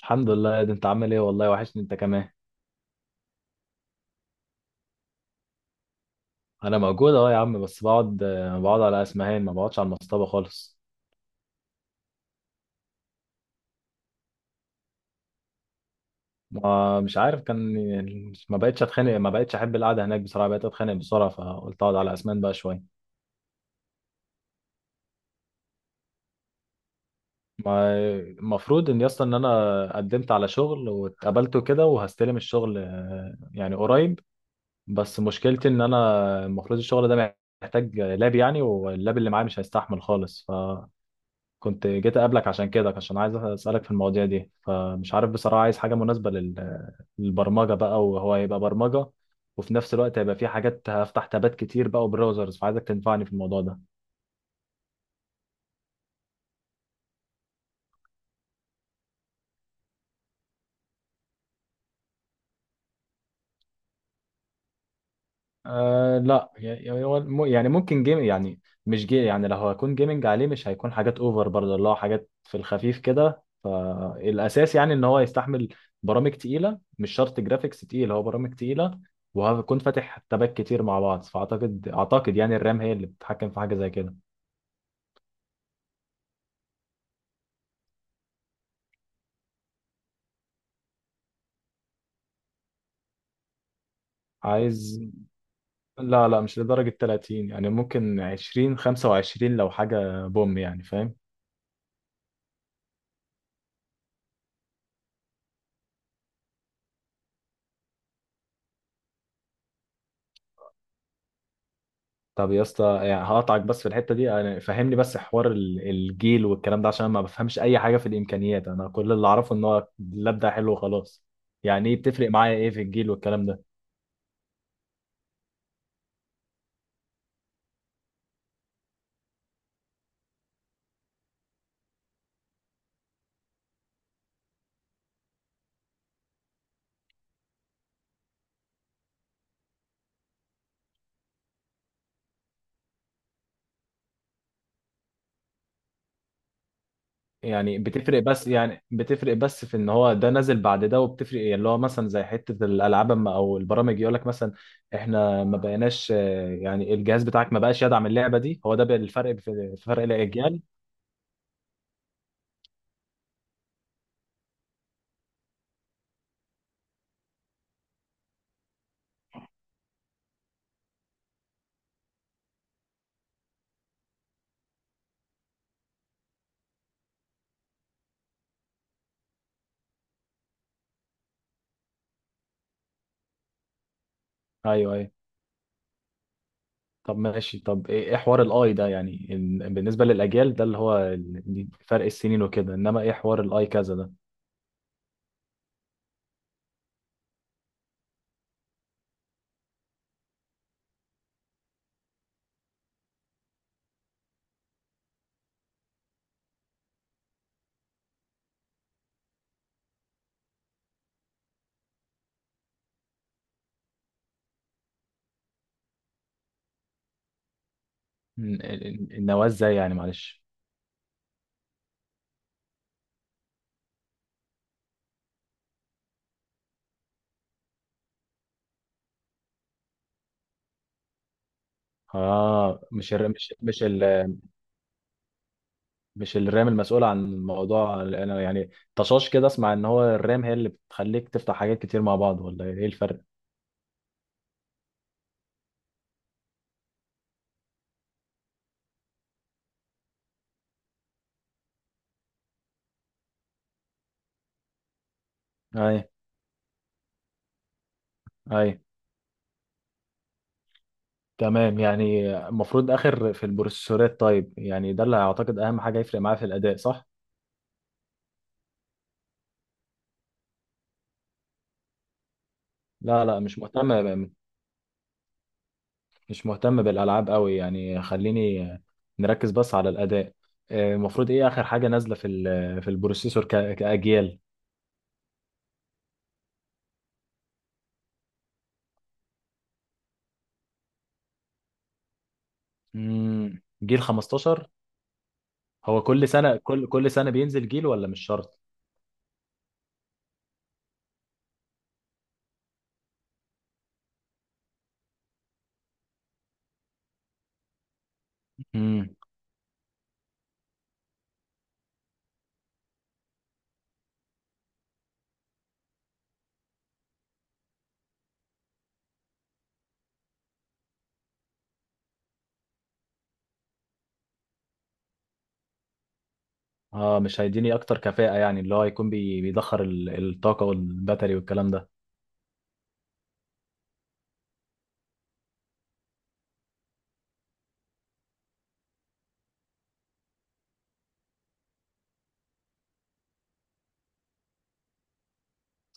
الحمد لله، ده انت عامل ايه والله؟ وحشني انت كمان. انا موجود اهو يا عم، بس بقعد على اسمهان، ما بقعدش على المصطبه خالص. ما مش عارف كان. ما بقتش اتخانق، ما بقتش احب القعده هناك بصراحه، بقيت اتخانق بسرعه، فقلت اقعد على اسمهان بقى شويه. ما المفروض ان يسطا ان انا قدمت على شغل واتقبلته كده، وهستلم الشغل يعني قريب. بس مشكلتي ان انا المفروض الشغل ده محتاج لاب يعني، واللاب اللي معايا مش هيستحمل خالص. ف كنت جيت اقابلك عشان كده، عشان عايز اسالك في المواضيع دي، فمش عارف بصراحه، عايز حاجه مناسبه للبرمجه بقى، وهو هيبقى برمجه، وفي نفس الوقت هيبقى في حاجات هفتح تابات كتير بقى وبراوزرز، فعايزك تنفعني في الموضوع ده. آه لا، يعني هو يعني ممكن جيم يعني، مش يعني لو هكون جيمنج عليه مش هيكون حاجات اوفر برضه، اللي هو حاجات في الخفيف كده، فالاساس يعني ان هو يستحمل برامج تقيله، مش شرط جرافيكس تقيل، هو برامج تقيله، وهكون فاتح تابات كتير مع بعض، فاعتقد يعني الرام هي اللي بتتحكم في حاجه زي كده. عايز لا لا، مش لدرجه 30، يعني ممكن 20 25 لو حاجه بوم يعني فاهم. طب يا اسطى يعني هقطعك بس في الحته دي، انا فهمني بس حوار الجيل والكلام ده، عشان أنا ما بفهمش اي حاجه في الامكانيات. انا كل اللي اعرفه ان هو اللاب ده حلو وخلاص. يعني ايه بتفرق معايا ايه في الجيل والكلام ده؟ يعني بتفرق بس في ان هو ده نازل بعد ده. وبتفرق إيه؟ اللي هو مثلا زي حته الالعاب او البرامج يقول لك مثلا احنا ما بقيناش، يعني الجهاز بتاعك ما بقاش يدعم اللعبه دي، هو ده بقى الفرق، في فرق الاجيال. ايوه ايوه، طب ماشي، طب إيه حوار الاي ده؟ يعني بالنسبه للاجيال ده اللي هو فرق السنين وكده، انما ايه حوار الاي كذا ده؟ النواة ازاي يعني؟ معلش. اه، مش الرام المسؤولة عن الموضوع؟ انا يعني طشاش كده اسمع، ان هو الرام هي اللي بتخليك تفتح حاجات كتير مع بعض، ولا ايه الفرق؟ اي اي، تمام، يعني المفروض اخر في البروسيسورات. طيب، يعني ده اللي اعتقد اهم حاجة هيفرق معايا في الاداء، صح؟ لا لا، مش مهتم، مش مهتم بالالعاب قوي، يعني خليني نركز بس على الاداء. المفروض ايه اخر حاجه نازله في في البروسيسور كاجيال؟ جيل 15. هو كل سنه بينزل جيل، ولا مش شرط؟ امم. اه، مش هيديني اكتر كفاءه، يعني اللي هو يكون بيدخر الطاقه والباتري والكلام ده.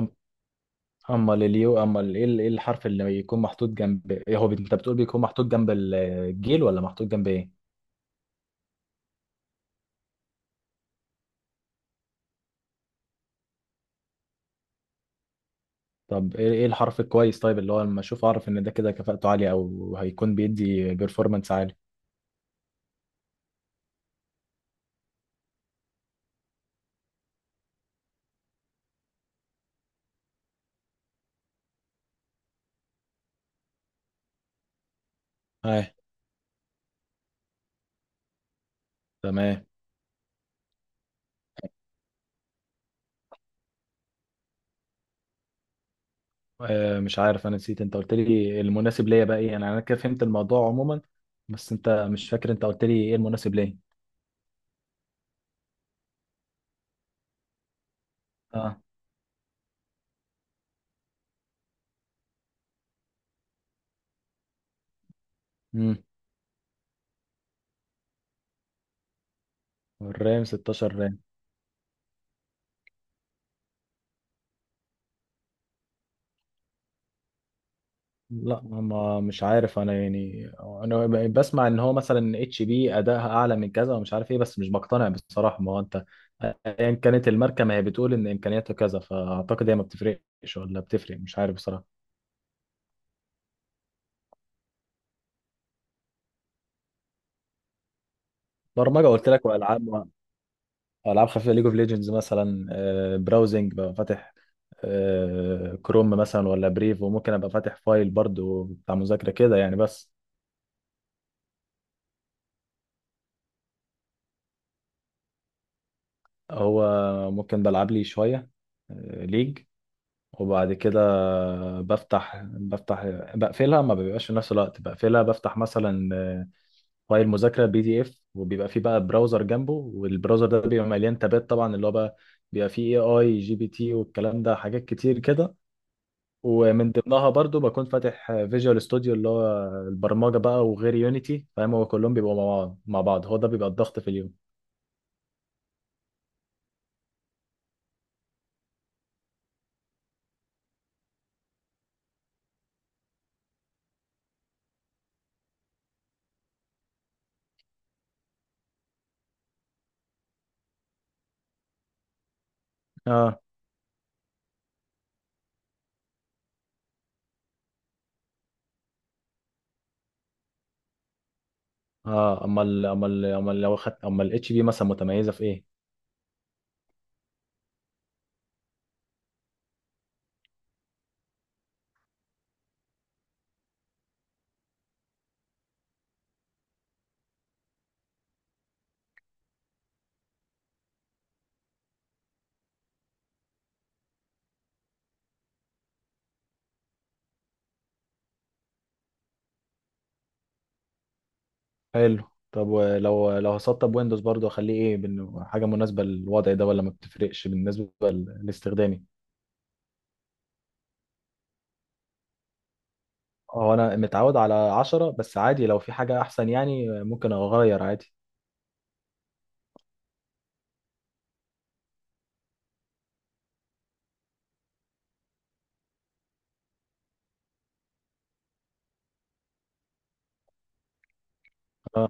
أم- اما اليو، اما ال- ايه ال- إيه الحرف اللي يكون محطوط جنب إيه؟ انت بتقول بيكون محطوط جنب الجيل ولا محطوط جنب ايه؟ طب إيه الحرف الكويس طيب، اللي هو لما اشوف اعرف ان ده كده كفاءته عاليه، او هيكون بيدي بيرفورمانس عالي. اي، تمام. آه، مش عارف، انا نسيت، انت قلت لي المناسب ليا بقى ايه؟ يعني انا كده فهمت الموضوع عموما، بس انت مش فاكر انت قلت لي ايه المناسب ليا. اه، امم الرام 16. لا، ما مش عارف انا يعني، انا بسمع ان هو مثلا اتش بي ادائها اعلى من كذا ومش عارف ايه، بس مش بقتنع بصراحه. ما هو انت ايا كانت الماركه ما هي بتقول ان امكانياتها كذا، فاعتقد هي ما بتفرقش ولا بتفرق، مش عارف بصراحه. برمجه قلت لك والعاب، العاب خفيفه ليج اوف ليجندز مثلا، براوزنج ببقى فاتح، كروم مثلا ولا بريف، وممكن ابقى فاتح فايل برضو بتاع مذاكره كده يعني بس. هو ممكن بلعب لي شويه ليج، وبعد كده بفتح بقفلها، ما بيبقاش في نفس الوقت، بقفلها بفتح مثلا فايل مذاكره بي دي اف، وبيبقى فيه بقى براوزر جنبه، والبراوزر ده بيبقى مليان تابات طبعا، اللي هو بقى بيبقى فيه اي جي بي تي والكلام ده حاجات كتير كده. ومن ضمنها برضو بكون فاتح فيجوال ستوديو اللي هو البرمجه بقى، وغير يونيتي، فاهم؟ هو كلهم بيبقوا مع بعض مع بعض، هو ده بيبقى الضغط في اليوم. اه اه، اما ال اما ال اما لو خدت اما الاتش بي مثلا متميزه في ايه؟ حلو، طب ولو لو هسطب ويندوز برضو اخليه ايه، بإنه حاجه مناسبه للوضع ده، ولا ما بتفرقش بالنسبه لاستخدامي؟ هو انا متعود على 10 بس عادي، لو في حاجه احسن يعني ممكن اغير عادي. اه،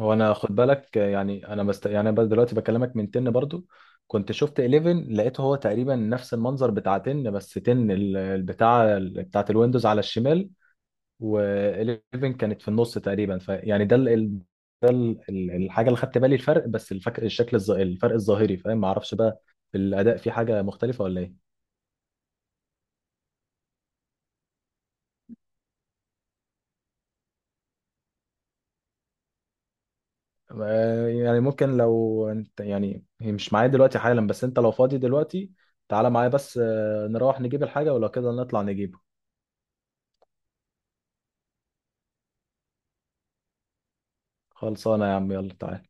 هو انا خد بالك، يعني انا يعني أنا دلوقتي بكلمك من 10 برضو، كنت شفت 11 لقيته هو تقريبا نفس المنظر بتاع 10، بس 10 البتاع بتاعه الويندوز على الشمال، و11 كانت في النص تقريبا، فيعني الحاجه اللي خدت بالي الفرق، بس الشكل الفرق الظاهري، فاهم؟ ما اعرفش بقى في الاداء في حاجه مختلفه ولا ايه. يعني ممكن لو انت يعني هي مش معايا دلوقتي حالا، بس انت لو فاضي دلوقتي تعالى معايا، بس نروح نجيب الحاجه، ولو كده نطلع نجيبه. خلصانه يا عم، يلا تعالى.